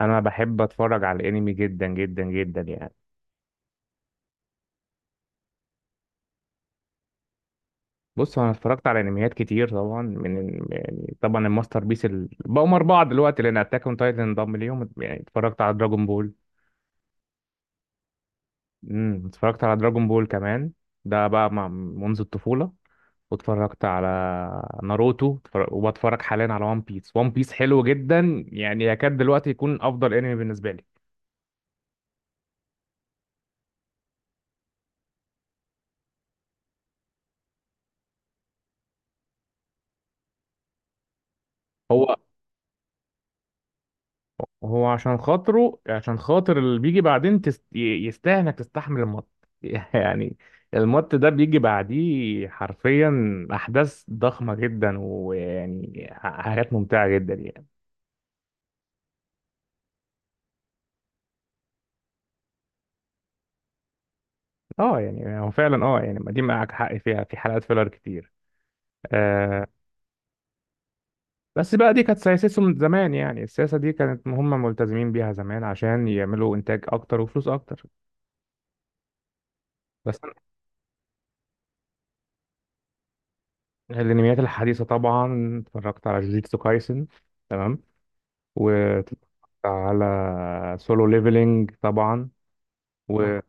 انا بحب اتفرج على الانمي جدا جدا جدا يعني. بص، هو انا اتفرجت على انميات كتير طبعا، من يعني طبعا الماستر بيس بقوا اربعه دلوقتي، لان اتاك اون تايتن انضم ليهم، يعني اتفرجت على دراجون بول. اتفرجت على دراجون بول كمان، ده بقى منذ الطفوله. واتفرجت على ناروتو، وبتفرج حاليا على وان بيس. وان بيس حلو جدا، يعني يكاد دلوقتي يكون افضل انمي بالنسبه لي. هو وهو عشان خاطر اللي بيجي بعدين، يستاهل انك تستحمل المط. يعني المط ده بيجي بعديه حرفيا، احداث ضخمه جدا، ويعني حاجات ممتعه جدا يعني. اه، يعني هو فعلا، يعني ما دي معاك حق فيها، في حلقات فيلر كتير. آه. بس بقى دي كانت سياستهم زمان، يعني السياسه دي كانت هم ملتزمين بيها زمان، عشان يعملوا انتاج اكتر وفلوس اكتر. بس الانميات الحديثه طبعا اتفرجت على جوجيتسو كايسن. تمام. واتفرجت على سولو ليفلينج طبعا. و اه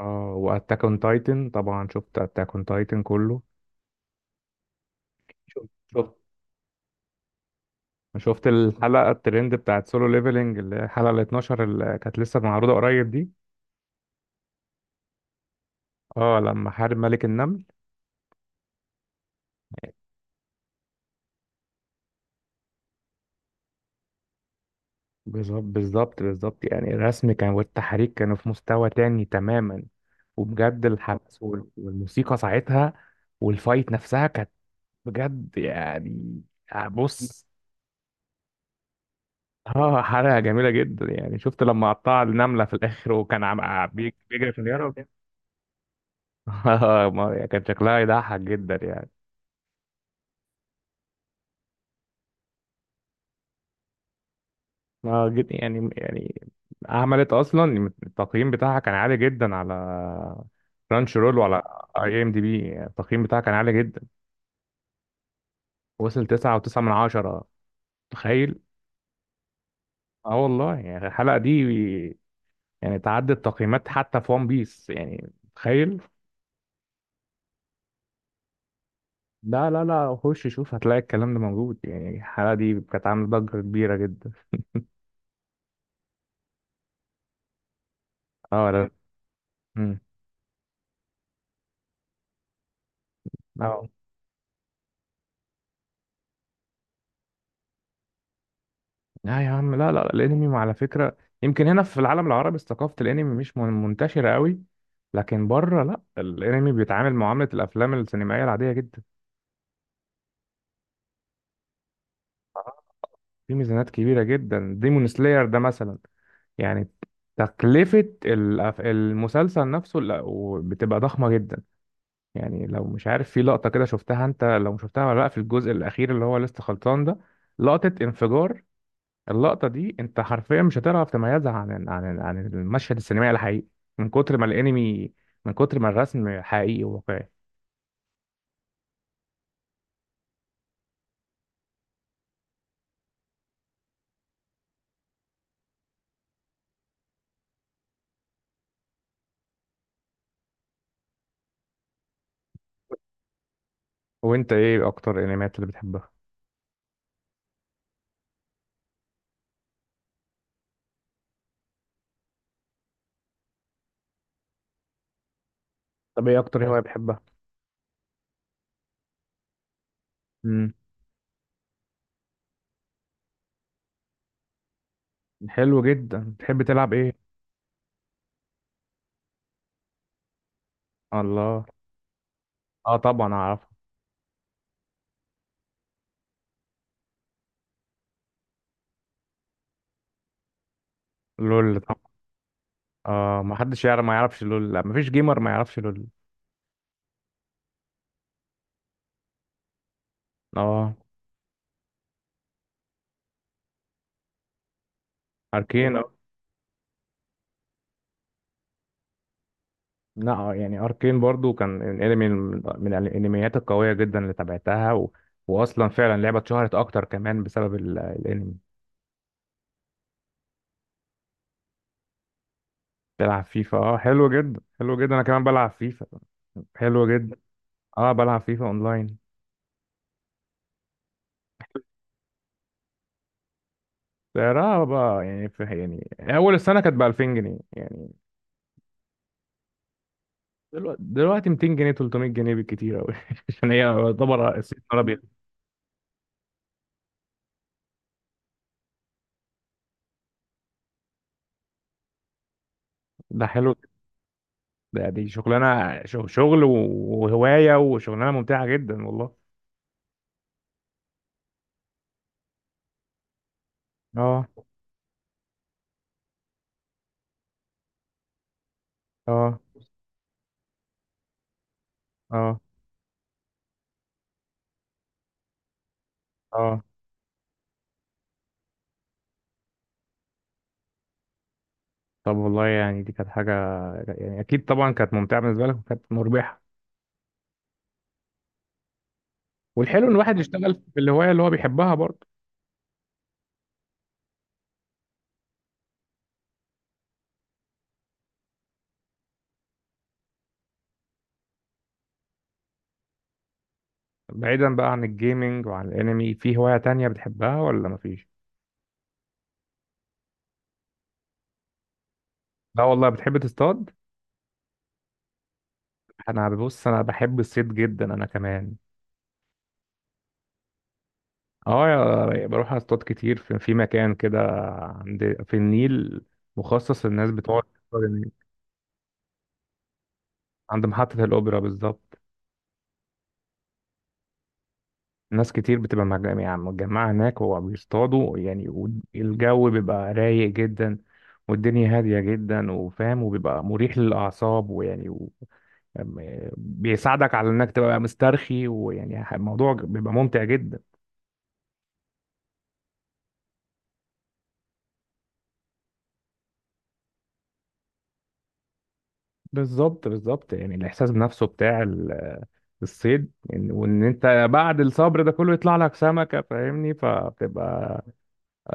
اه واتاك اون تايتن طبعا، شفت اتاك اون تايتن كله. شفت شفت شفت الحلقة الترند بتاعت سولو ليفلينج، اللي هي الحلقة ال 12، اللي كانت لسه معروضة قريب دي. اه، لما حارب ملك النمل. بالظبط بالظبط بالظبط، يعني الرسم كان والتحريك كانوا في مستوى تاني تماما، وبجد الحبس والموسيقى ساعتها، والفايت نفسها كانت بجد يعني. آه، بص. اه، حلقة جميلة جدا، يعني شفت لما قطع النملة في الآخر، وكان بيجري في اليارا وكده. اه، يعني كان شكلها يضحك جدا يعني. ما جد يعني. عملت أصلا التقييم بتاعها كان عالي جدا، على رانش رول وعلى اي ام دي بي، يعني التقييم بتاعها كان عالي جدا. وصل تسعة وتسعة من عشرة. تخيل. اه والله، يعني الحلقة دي يعني تعدت تقييمات حتى في ون بيس يعني. تخيل. لا لا لا، خش شوف، هتلاقي الكلام ده موجود، يعني الحلقة دي كانت عاملة ضجة كبيرة جدا. اه. لا. امم. اه. لا يا عم، لا لا الانمي على فكرة، يمكن هنا في العالم العربي ثقافة الانمي مش منتشرة قوي. لكن بره لا، الانمي بيتعامل معاملة الافلام السينمائية العادية جدا. آه. في ميزانات كبيرة جدا، ديمون سلاير ده مثلا، يعني تكلفة المسلسل نفسه بتبقى ضخمة جدا. يعني لو مش عارف، في لقطة كده شفتها انت، لو مش شفتها ولا لا، في الجزء الأخير اللي هو لسه خلصان ده. لقطة انفجار، اللقطة دي انت حرفيا مش هتعرف تميزها عن المشهد السينمائي الحقيقي، من كتر ما الانمي من كتر ما الرسم حقيقي وواقعي. وانت ايه اكتر انميات اللي بتحبها؟ طب ايه اكتر هواية بتحبها؟ امم. حلو جدا، بتحب تلعب ايه؟ الله. اه طبعا اعرف. لول طبعا. اه، ما حدش يعرف ما يعرفش لول، لا ما فيش جيمر ما يعرفش لول. اه. اركين. لا آه، يعني اركين برضو كان الانمي من الانميات القويه جدا اللي تابعتها و... واصلا فعلا لعبه اتشهرت اكتر كمان بسبب الانمي. بلعب فيفا، اه حلو جدا حلو جدا، انا كمان بلعب فيفا. حلو جدا. اه بلعب فيفا اونلاين. سعرها بقى يعني في، يعني اول السنه كانت ب 2000 جنيه يعني. دلوقتي دلوقتي 200 جنيه، 300 جنيه بالكتير قوي عشان هي يعتبر الصيت ابيض. ده حلو جدا. دي شغلانه، شغل وهوايه وشغلانه ممتعه جدا والله. اه. اه. اه. اه. طب والله، يعني دي كانت حاجة، يعني أكيد طبعا كانت ممتعة بالنسبة لك وكانت مربحة. والحلو إن الواحد يشتغل في الهواية اللي هو بيحبها برضه. بعيدا بقى عن الجيمنج وعن الأنمي، في هواية تانية بتحبها ولا مفيش؟ لا والله، بتحب تصطاد؟ أنا ببص، أنا بحب الصيد جدا، أنا كمان. اه بروح اصطاد كتير في مكان كده، في النيل، مخصص للناس بتقعد تصطاد النيل. عند محطة الأوبرا بالظبط. ناس كتير بتبقى يعني متجمعة هناك وبيصطادوا يعني، والجو بيبقى رايق جدا، والدنيا هادية جدا وفاهم، وبيبقى مريح للأعصاب، ويعني و... بيساعدك على إنك تبقى مسترخي، ويعني الموضوع بيبقى ممتع جدا. بالظبط بالظبط، يعني الإحساس بنفسه بتاع الصيد، يعني وإن أنت بعد الصبر ده كله يطلع لك سمكة، فاهمني، فبتبقى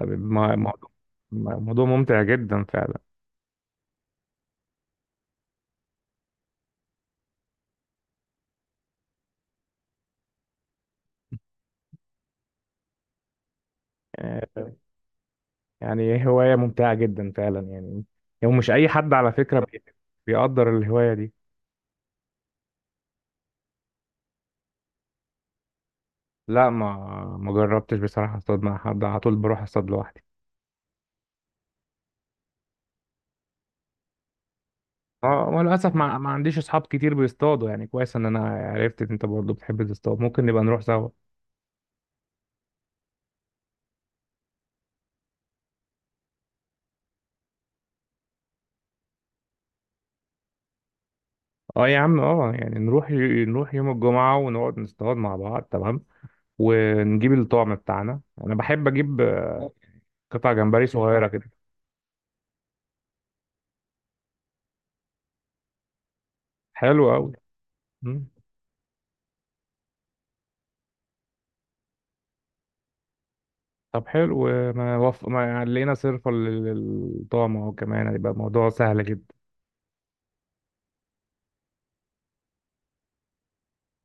موضوع، موضوع ممتع جدا فعلا يعني. هواية ممتعة جدا فعلا يعني، يعني مش أي حد على فكرة بيقدر الهواية دي. لا، ما جربتش بصراحة اصطاد مع حد، على طول بروح اصطاد لوحدي. اه وللأسف، ما عنديش أصحاب كتير بيصطادوا، يعني كويس إن أنا عرفت إن أنت برضه بتحب تصطاد، ممكن نبقى نروح سوا. اه يا عم، اه يعني نروح نروح يوم الجمعة ونقعد نصطاد مع بعض، تمام. ونجيب الطعم بتاعنا، أنا بحب أجيب قطع جمبري صغيرة كده. حلو أوي. مم. طب حلو. ما لقينا صرفة للطعم، اهو كمان هيبقى الموضوع سهل جدا.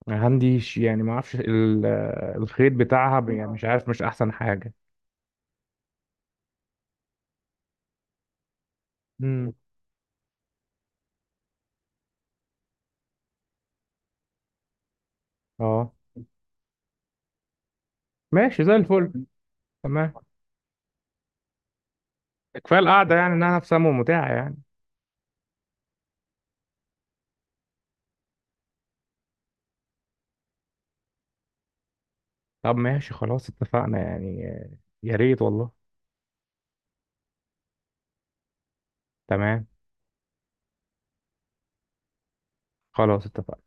هنديش يعني ما اعرفش ال... الخيط بتاعها يعني مش عارف مش احسن حاجة. امم. اه ماشي زي الفل. تمام. كفاية القعدة، يعني انها نفسها ممتعة يعني. طب ماشي خلاص اتفقنا يعني. يا ريت والله. تمام. خلاص اتفقنا.